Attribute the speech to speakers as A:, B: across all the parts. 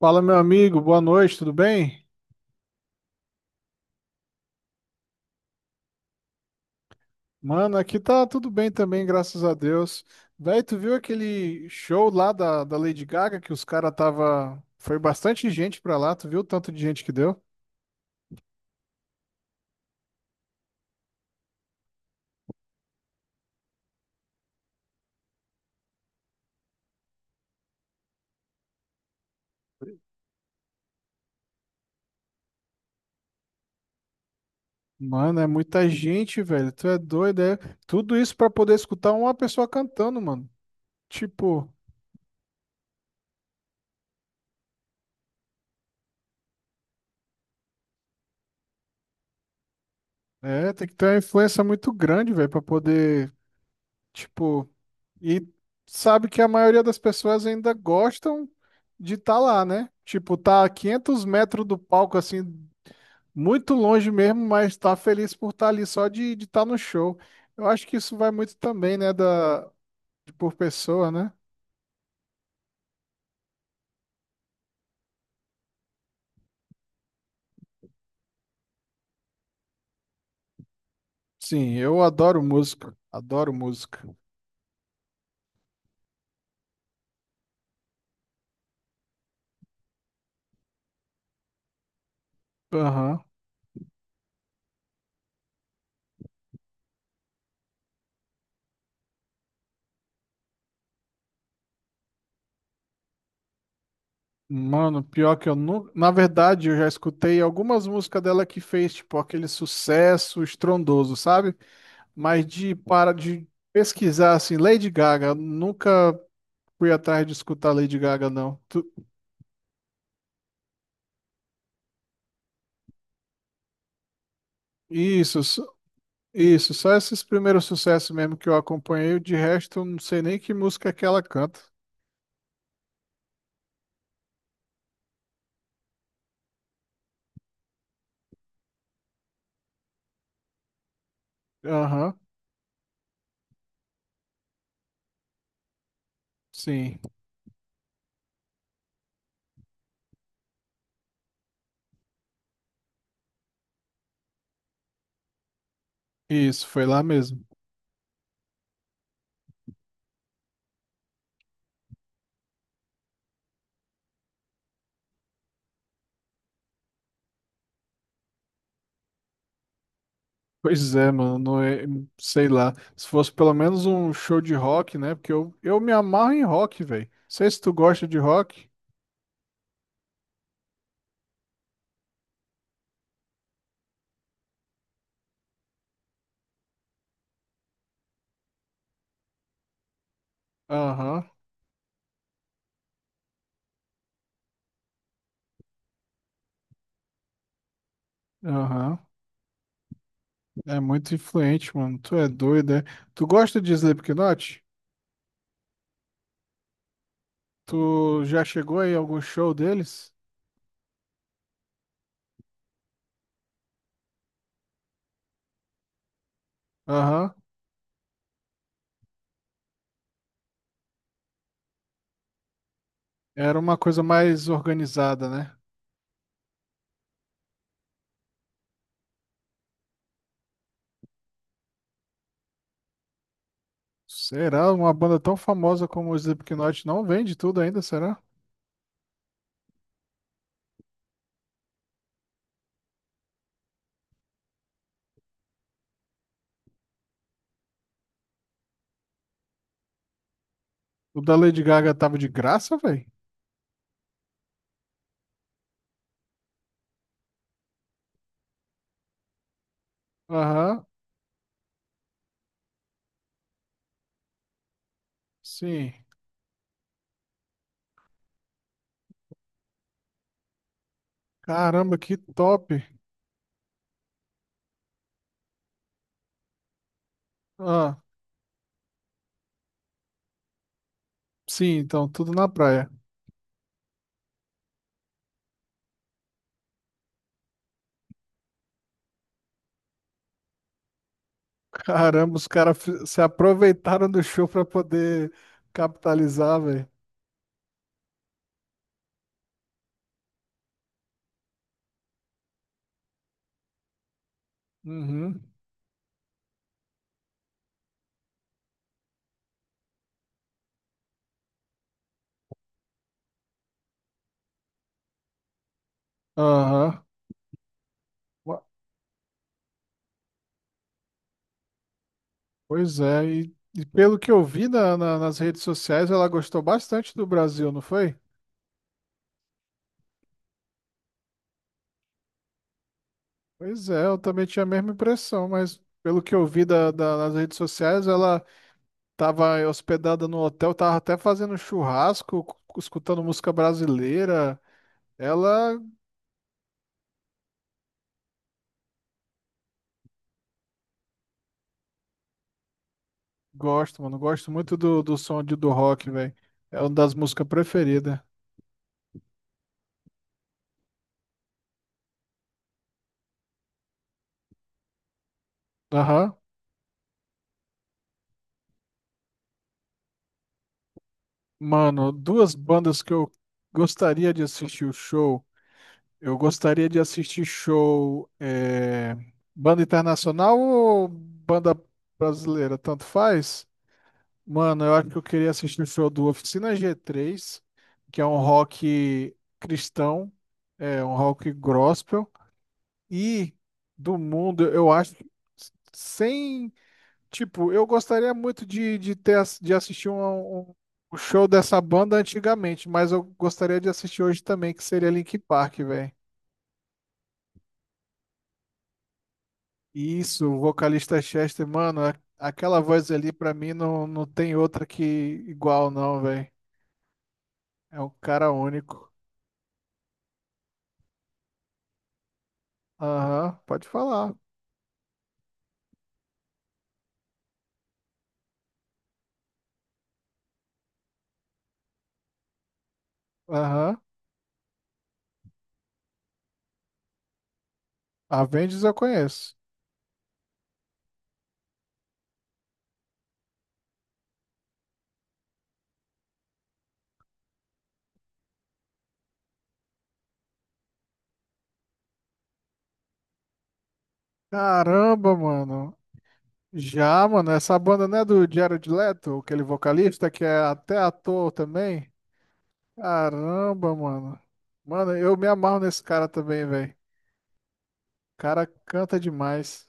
A: Fala, meu amigo, boa noite, tudo bem? Mano, aqui tá tudo bem também, graças a Deus. Véi, tu viu aquele show lá da Lady Gaga que os caras tava. Foi bastante gente pra lá, tu viu o tanto de gente que deu? Mano, é muita gente, velho, tu é doido, é? Tudo isso pra poder escutar uma pessoa cantando, mano. Tipo, é, tem que ter uma influência muito grande, velho, pra poder, tipo. E sabe que a maioria das pessoas ainda gostam de estar lá, né? Tipo, tá a 500 metros do palco, assim, muito longe mesmo, mas tá feliz por estar ali só de estar no show. Eu acho que isso vai muito também, né, da, de por pessoa, né? Sim, eu adoro música, adoro música. Aham. Mano, pior que eu nunca. Na verdade, eu já escutei algumas músicas dela que fez, tipo, aquele sucesso estrondoso, sabe? Mas de para de pesquisar assim, Lady Gaga, nunca fui atrás de escutar Lady Gaga, não. Tu- isso, só- isso, só esses primeiros sucessos mesmo que eu acompanhei, de resto eu não sei nem que música é que ela canta. Aham, sim, isso, foi lá mesmo. Pois é, mano, não é- sei lá. Se fosse pelo menos um show de rock, né? Porque eu me amarro em rock, velho. Sei se tu gosta de rock. Aham, aham. É muito influente, mano. Tu é doido, é? Tu gosta de Slipknot? Tu já chegou aí a algum show deles? Aham. Era uma coisa mais organizada, né? Será? Uma banda tão famosa como o Slipknot não vende tudo ainda, será? O da Lady Gaga tava de graça, velho? Aham. Sim. Caramba, que top. Ah, sim, então, tudo na praia. Caramba, os caras fi- se aproveitaram do show pra poder capitalizar, velho. Uhum. Aham. Pois é, e pelo que eu vi na- na- nas redes sociais, ela gostou bastante do Brasil, não foi? Pois é, eu também tinha a mesma impressão, mas pelo que eu vi da- da- nas redes sociais, ela estava hospedada no hotel, estava até fazendo churrasco, cu- escutando música brasileira. Ela gosto, mano. Gosto muito do, do som de, do rock, velho. É uma das músicas preferidas. Aham. Mano, duas bandas que eu gostaria de assistir o show. Eu gostaria de assistir show. É, banda internacional ou banda brasileira? Tanto faz. Mano, eu acho que eu queria assistir o show do Oficina G3, que é um rock cristão, é um rock gospel. E do mundo, eu acho, que sem, tipo, eu gostaria muito de ter, ass- de assistir um, um- o show dessa banda antigamente, mas eu gostaria de assistir hoje também, que seria Linkin Park, velho. Isso, o vocalista Chester, mano, a- aquela voz ali pra mim não, não tem outra que igual, não, velho. É um cara único. Aham, pode falar. Aham. Avengers eu conheço. Caramba, mano. Já, mano, essa banda não é do Jared Leto, aquele vocalista que é até ator também? Caramba, mano. Mano, eu me amarro nesse cara também, velho. Cara canta demais.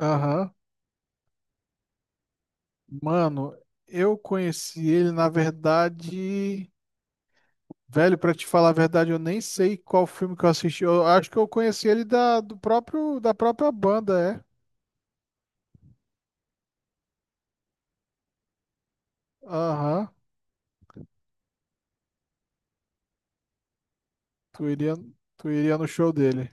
A: Aham. Mano, eu conheci ele, na verdade. Velho, pra te falar a verdade, eu nem sei qual filme que eu assisti. Eu acho que eu conheci ele da, do próprio, da própria banda, é. Aham. Tu iria, tu iria no show dele.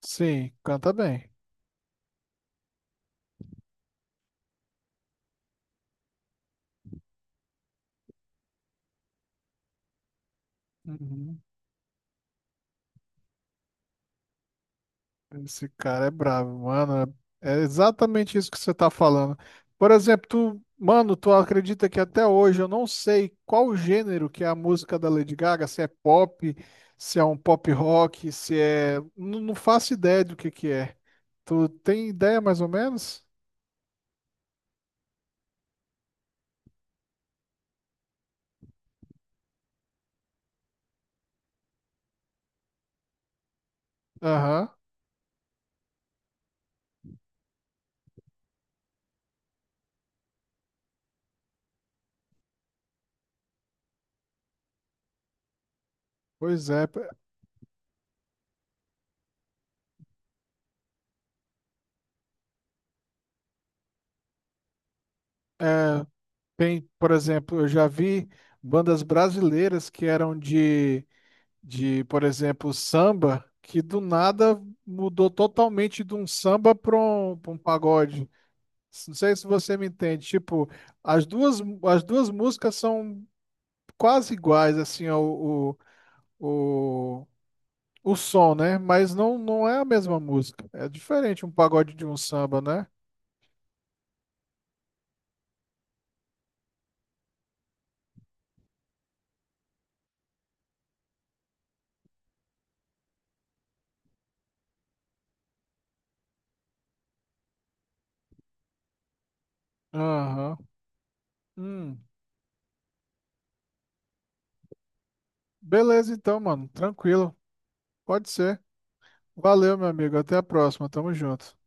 A: Sim, canta bem. Uhum. Esse cara é bravo, mano. É exatamente isso que você tá falando. Por exemplo, tu, mano, tu acredita que até hoje eu não sei qual o gênero que é a música da Lady Gaga, se é pop, se é um pop rock, se é. Não, não faço ideia do que é. Tu tem ideia mais ou menos? Aham. Pois é. P- É, tem, por exemplo, eu já vi bandas brasileiras que eram de, por exemplo, samba, que do nada mudou totalmente de um samba para um, pra um pagode. Não sei se você me entende. Tipo, as duas músicas são quase iguais, assim, ó, o, o som, né? Mas não, não é a mesma música. É diferente um pagode de um samba, né? Aham. Hum. Beleza, então, mano. Tranquilo. Pode ser. Valeu, meu amigo. Até a próxima. Tamo junto.